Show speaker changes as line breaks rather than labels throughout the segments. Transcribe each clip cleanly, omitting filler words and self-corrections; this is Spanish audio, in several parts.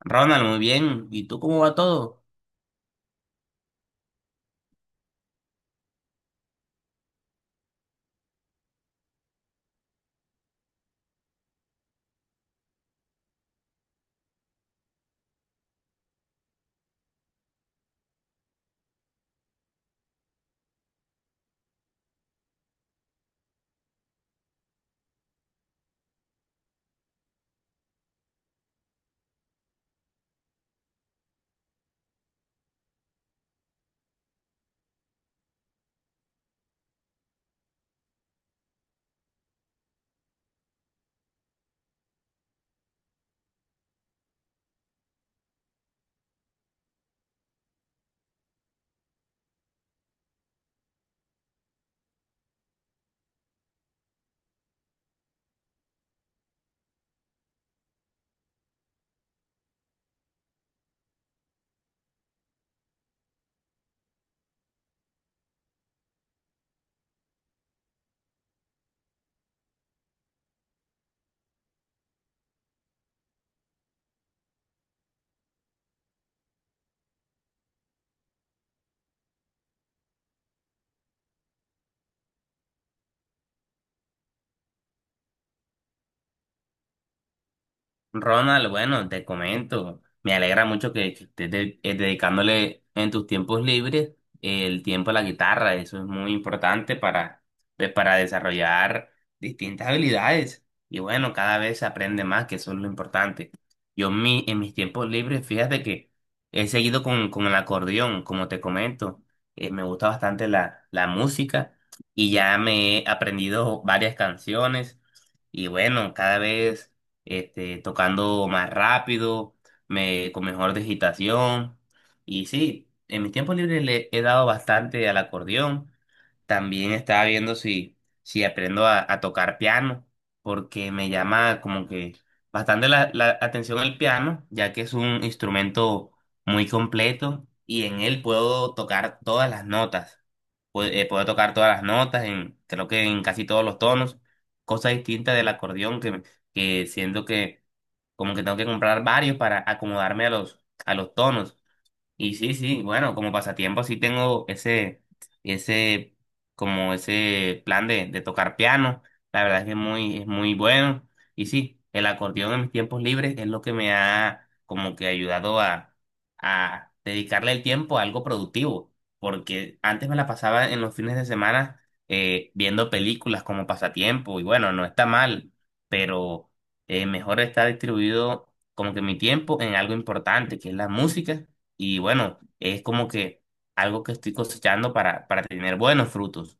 Ronald, muy bien. ¿Y tú cómo va todo? Ronald, bueno, te comento, me alegra mucho que dedicándole en tus tiempos libres el tiempo a la guitarra, eso es muy importante para, pues, para desarrollar distintas habilidades y bueno, cada vez se aprende más, que eso es lo importante. En mis tiempos libres, fíjate que he seguido con el acordeón, como te comento, me gusta bastante la música y ya me he aprendido varias canciones. Y bueno, cada vez tocando más rápido, me, con mejor digitación. Y sí, en mis tiempos libres le he dado bastante al acordeón. También estaba viendo si aprendo a tocar piano, porque me llama como que bastante la atención el piano, ya que es un instrumento muy completo y en él puedo tocar todas las notas. Puedo tocar todas las notas, en, creo que en casi todos los tonos, cosa distinta del acordeón, que siento que como que tengo que comprar varios para acomodarme a a los tonos. Y sí, sí, bueno, como pasatiempo sí tengo ese, como ese plan de tocar piano. La verdad es que es muy bueno. Y sí, el acordeón en mis tiempos libres es lo que me ha como que ayudado a dedicarle el tiempo a algo productivo. Porque antes me la pasaba en los fines de semana viendo películas como pasatiempo. Y bueno, no está mal, pero mejor está distribuido como que mi tiempo en algo importante, que es la música y bueno, es como que algo que estoy cosechando para tener buenos frutos.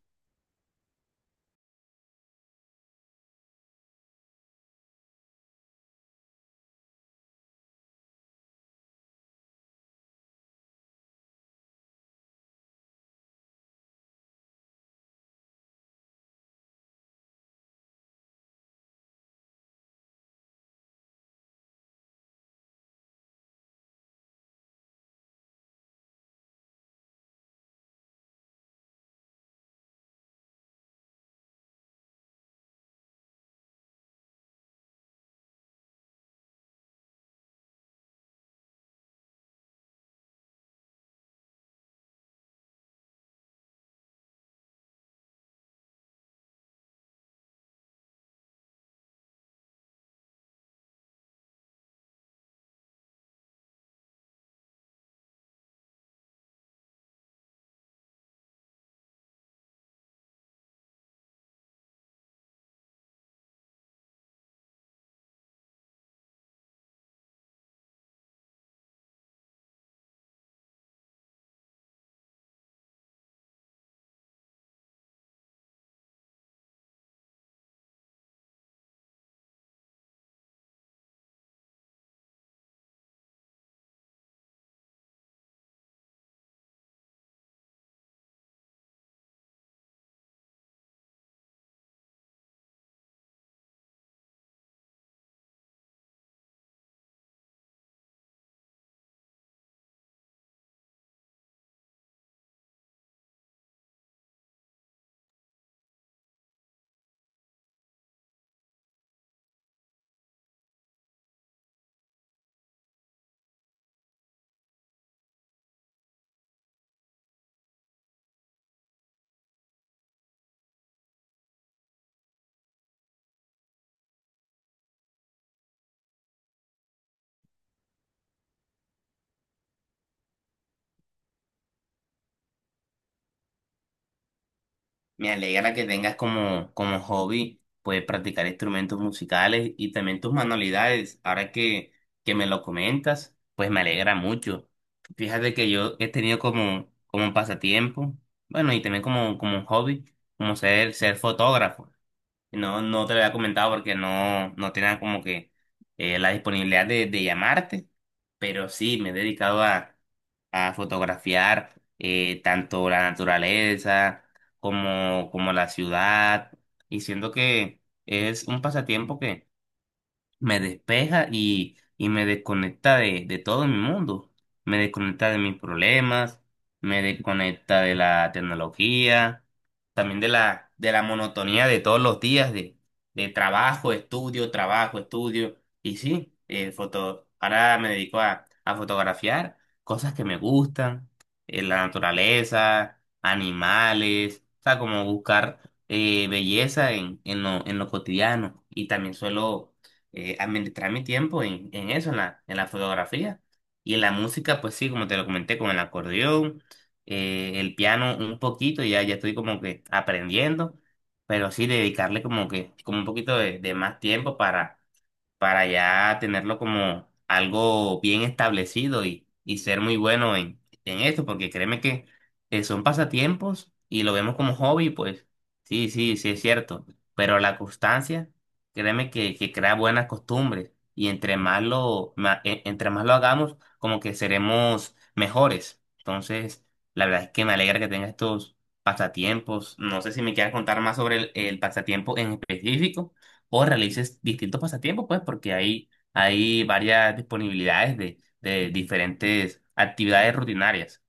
Me alegra que tengas como, como hobby, pues, practicar instrumentos musicales y también tus manualidades. Ahora que me lo comentas, pues me alegra mucho. Fíjate que yo he tenido como, como un pasatiempo, bueno, y también como, como un hobby, como ser, ser fotógrafo. No, no te lo había comentado porque no, no tenía como que la disponibilidad de llamarte, pero sí me he dedicado a fotografiar tanto la naturaleza como, como la ciudad y siento que es un pasatiempo que me despeja y me desconecta de todo mi mundo. Me desconecta de mis problemas, me desconecta de la tecnología, también de de la monotonía de todos los días de trabajo, estudio, trabajo, estudio. Y sí, ahora me dedico a fotografiar cosas que me gustan, la naturaleza, animales, o sea, como buscar belleza en en lo cotidiano. Y también suelo administrar mi tiempo en eso, en en la fotografía. Y en la música, pues sí, como te lo comenté, con el acordeón, el piano un poquito, ya estoy como que aprendiendo, pero sí dedicarle como que como un poquito de más tiempo para ya tenerlo como algo bien establecido y ser muy bueno en esto, porque créeme que son pasatiempos y lo vemos como hobby, pues sí, sí, sí es cierto, pero la constancia, créeme que crea buenas costumbres y entre más lo hagamos, como que seremos mejores. Entonces, la verdad es que me alegra que tengas estos pasatiempos. No sé si me quieras contar más sobre el pasatiempo en específico o realices distintos pasatiempos, pues, porque hay varias disponibilidades de diferentes actividades rutinarias.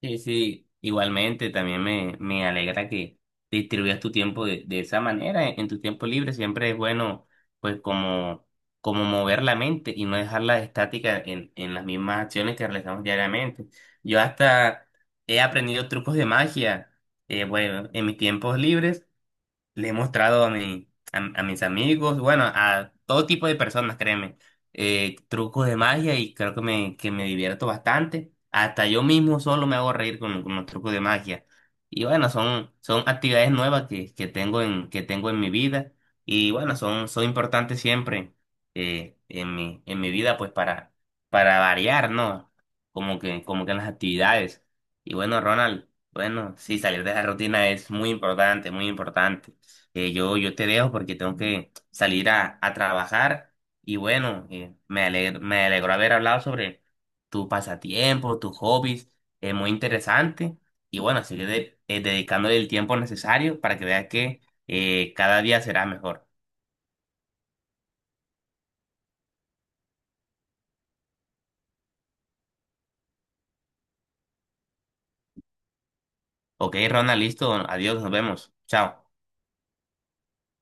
Sí, sí, igualmente también me alegra que distribuyas tu tiempo de esa manera, en tu tiempo libre siempre es bueno, pues, como, como mover la mente y no dejarla estática en las mismas acciones que realizamos diariamente. Yo hasta he aprendido trucos de magia, bueno, en mis tiempos libres le he mostrado a mis amigos, bueno, a todo tipo de personas, créeme, trucos de magia y creo que que me divierto bastante. Hasta yo mismo solo me hago reír con los trucos de magia. Y bueno, son, son actividades nuevas que tengo en mi vida y bueno, son, son importantes siempre en mi vida, pues para variar, ¿no? Como que en las actividades. Y bueno, Ronald, bueno, sí, salir de la rutina es muy importante, muy importante, yo te dejo porque tengo que salir a trabajar y bueno, me alegro, me alegró haber hablado sobre tu pasatiempo, tus hobbies, es muy interesante y bueno, sigue dedicándole el tiempo necesario para que veas que cada día será mejor. Ok, Ronald, listo, adiós, nos vemos, chao.